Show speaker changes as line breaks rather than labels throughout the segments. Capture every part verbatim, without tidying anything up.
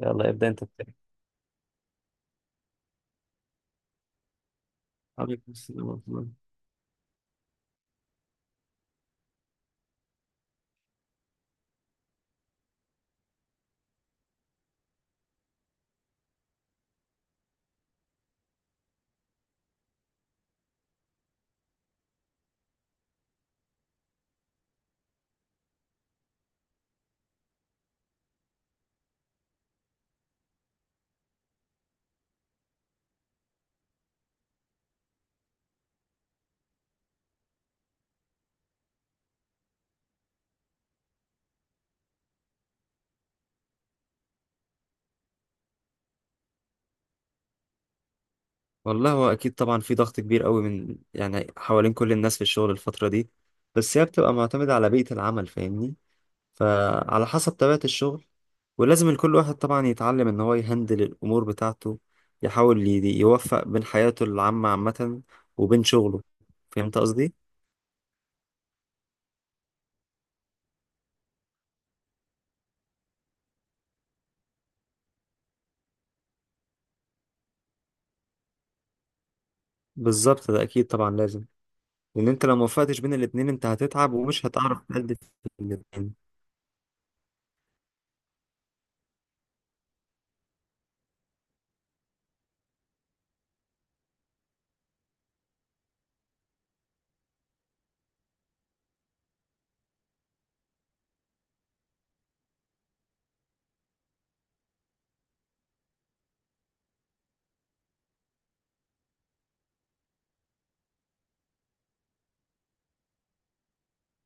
يلا ابدأ انت بتاعي. عليكم السلام ورحمة الله. والله هو أكيد طبعا في ضغط كبير قوي من يعني حوالين كل الناس في الشغل الفترة دي. بس هي بتبقى معتمدة على بيئة العمل، فاهمني؟ فعلى حسب طبيعة الشغل، ولازم كل واحد طبعا يتعلم إن هو يهندل الأمور بتاعته، يحاول ي- يوفق بين حياته العامة عامة وبين شغله. فهمت قصدي؟ بالظبط، ده أكيد طبعا لازم، لأن أنت لو موفقتش بين الاتنين أنت هتتعب ومش هتعرف تأدي في الاتنين.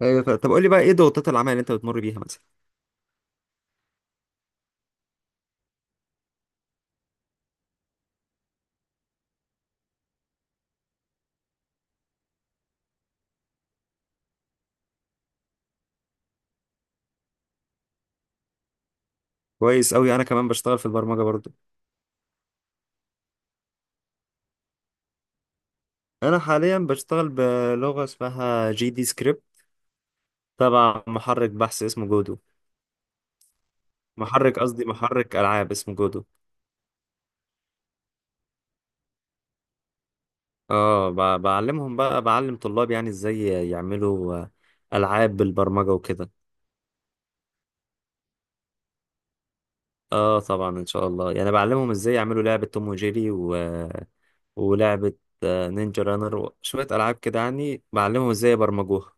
أيوة. ف- طب قولي بقى إيه ضغوطات العمل اللي أنت بتمر بيها مثلا؟ كويس أوي، أنا كمان بشتغل في البرمجة برضو. أنا حاليا بشتغل بلغة اسمها جي دي سكريبت، تبع محرك بحث اسمه جودو. محرك، قصدي محرك ألعاب اسمه جودو. اه، ب- بعلمهم بقى، بعلم طلاب يعني ازاي يعملوا آه، ألعاب بالبرمجة وكده. اه طبعا إن شاء الله، يعني بعلمهم ازاي يعملوا لعبة توم وجيري و... ولعبة آه، نينجا رانر وشوية ألعاب كده، يعني بعلمهم ازاي يبرمجوها.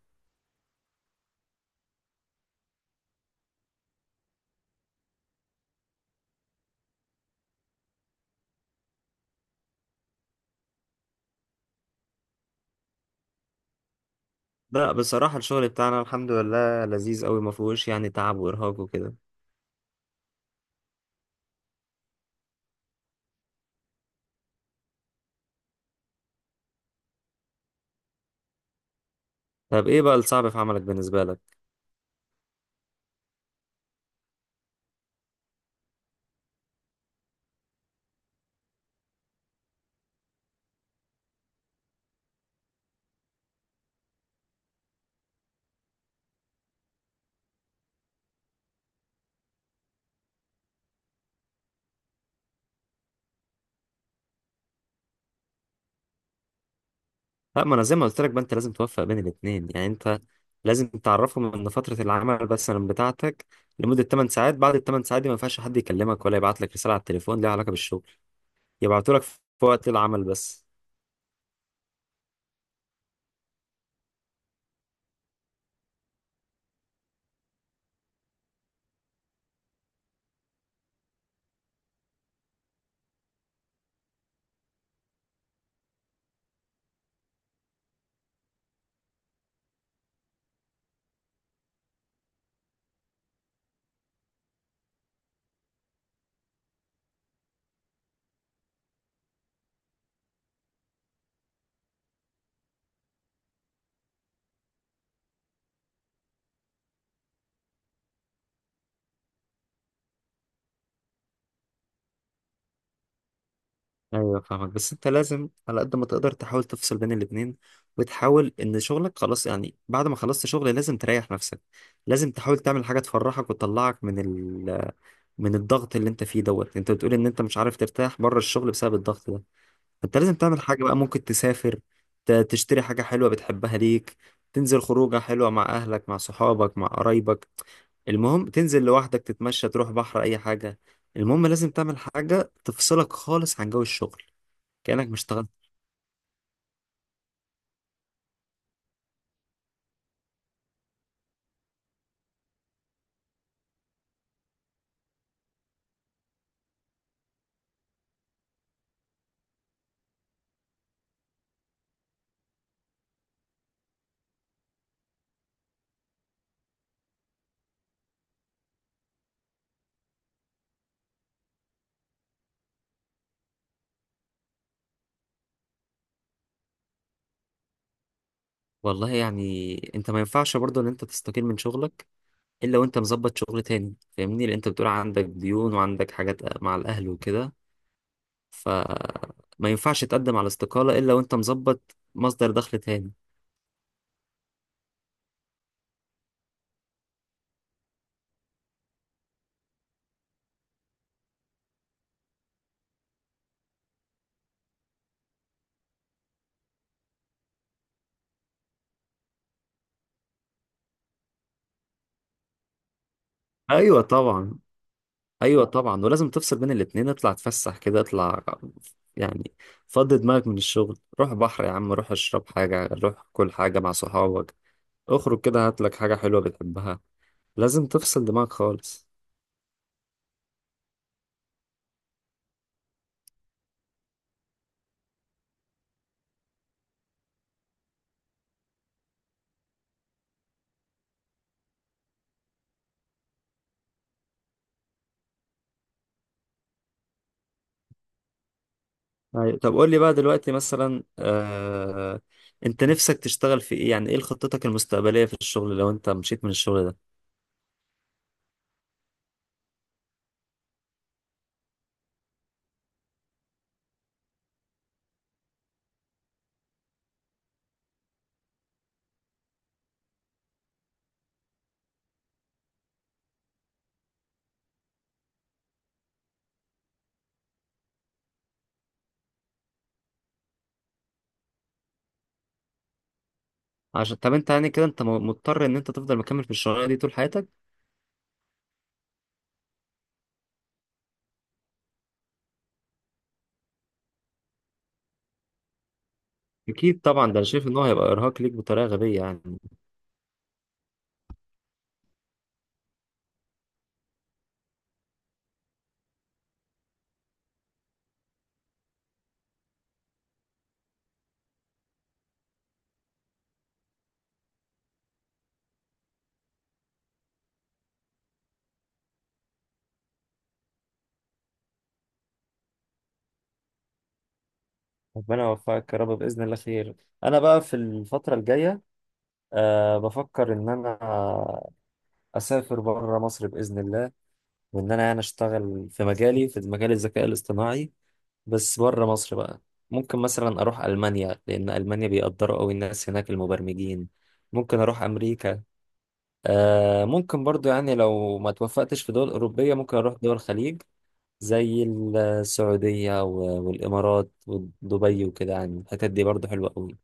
لا بصراحة الشغل بتاعنا الحمد لله لذيذ أوي، مفهوش يعني تعب وإرهاق وكده. طب ايه بقى الصعب في عملك بالنسبه لك؟ لا ما انا زي ما قلت لك بقى، انت لازم توفق بين الاثنين، يعني انت لازم تعرفهم ان فتره العمل مثلا بتاعتك لمده ثمان ساعات، بعد ال تمن ساعات دي ما ينفعش حد يكلمك ولا يبعت لك رساله على التليفون ليها علاقه بالشغل. يبعتوا لك في وقت العمل بس. ايوه فاهمك، بس انت لازم على قد ما تقدر تحاول تفصل بين الاثنين، وتحاول ان شغلك خلاص يعني بعد ما خلصت شغل لازم تريح نفسك. لازم تحاول تعمل حاجه تفرحك وتطلعك من ال من الضغط اللي انت فيه دوت. انت بتقول ان انت مش عارف ترتاح بره الشغل بسبب الضغط ده، انت لازم تعمل حاجة بقى. ممكن تسافر، ت- تشتري حاجة حلوة بتحبها ليك، تنزل خروجة حلوة مع أهلك مع صحابك مع قرايبك. المهم تنزل لوحدك، تتمشى، تروح بحر، أي حاجة. المهم لازم تعمل حاجة تفصلك خالص عن جو الشغل، كأنك مش اشتغلت. والله يعني انت ما ينفعش برضو ان انت تستقيل من شغلك الا وانت مظبط شغل تاني، فاهمني؟ لان انت بتقول عندك ديون وعندك حاجات مع الاهل وكده، فما ينفعش تقدم على استقالة الا وانت مظبط مصدر دخل تاني. ايوه طبعا. ايوه طبعا، ولازم تفصل بين الاتنين. اطلع اتفسح كده، اطلع يعني، فضي دماغك من الشغل. روح بحر يا عم، روح اشرب حاجة، روح كل حاجة مع صحابك، اخرج كده، هات لك حاجة حلوة بتحبها. لازم تفصل دماغك خالص. أيوة. طب قول لي بقى دلوقتي مثلا، آه... انت نفسك تشتغل في ايه؟ يعني ايه خطتك المستقبلية في الشغل لو انت مشيت من الشغل ده؟ عشان طب انت يعني كده انت م- مضطر ان انت تفضل مكمل في الشغلانة دي طول حياتك؟ اكيد طبعا، ده انا شايف ان هو هيبقى ارهاق ليك بطريقة غبية يعني. ربنا يوفقك يا رب، بإذن الله خير. أنا بقى في الفترة الجاية أه بفكر إن أنا أسافر بره مصر بإذن الله، وإن أنا يعني أشتغل في مجالي في مجال الذكاء الاصطناعي، بس بره مصر بقى. ممكن مثلا أروح ألمانيا، لأن ألمانيا بيقدروا أوي الناس هناك المبرمجين. ممكن أروح أمريكا. أه ممكن برضو يعني لو ما توفقتش في دول أوروبية ممكن أروح دول الخليج، زي السعودية و- والإمارات ودبي وكده، يعني الحتت دي برضو حلوة أوي.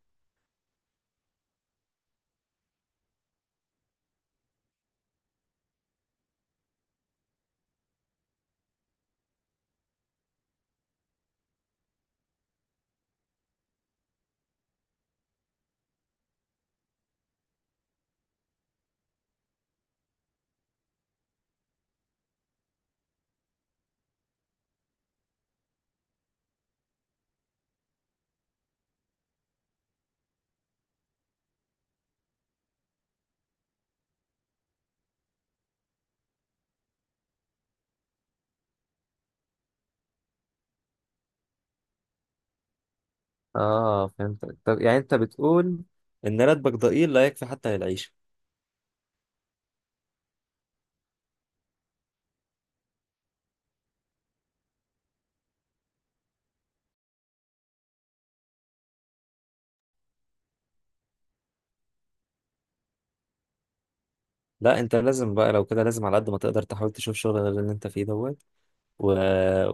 اه فهمتك. طب يعني انت بتقول ان راتبك ضئيل لا يكفي حتى للعيشة. لا انت لازم بقى لو كده، لازم على قد ما تقدر تحاول تشوف شغل غير اللي انت فيه دوت، و...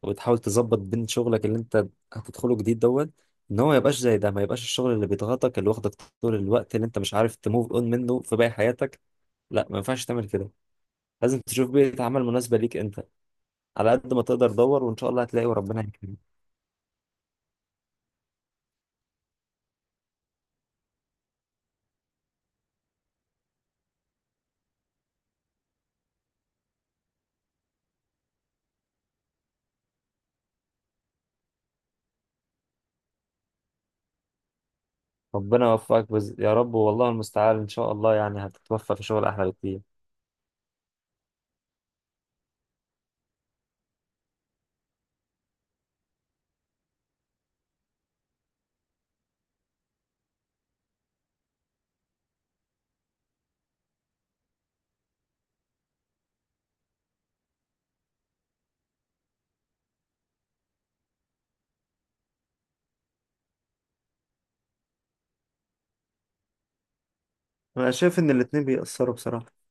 وتحاول تظبط بين شغلك اللي انت هتدخله جديد دوت، ان هو ما يبقاش زي ده، ما يبقاش الشغل اللي بيضغطك، اللي واخدك طول الوقت، اللي انت مش عارف تموف اون منه في باقي حياتك. لا ما ينفعش تعمل كده. لازم تشوف بيئة عمل مناسبة ليك انت، على قد ما تقدر دور وان شاء الله هتلاقي وربنا يكرمك. ربنا يوفقك بز... يا رب، والله المستعان، ان شاء الله يعني هتتوفى في شغل احلى بكتير. انا شايف ان الاتنين بيأثروا بصراحة.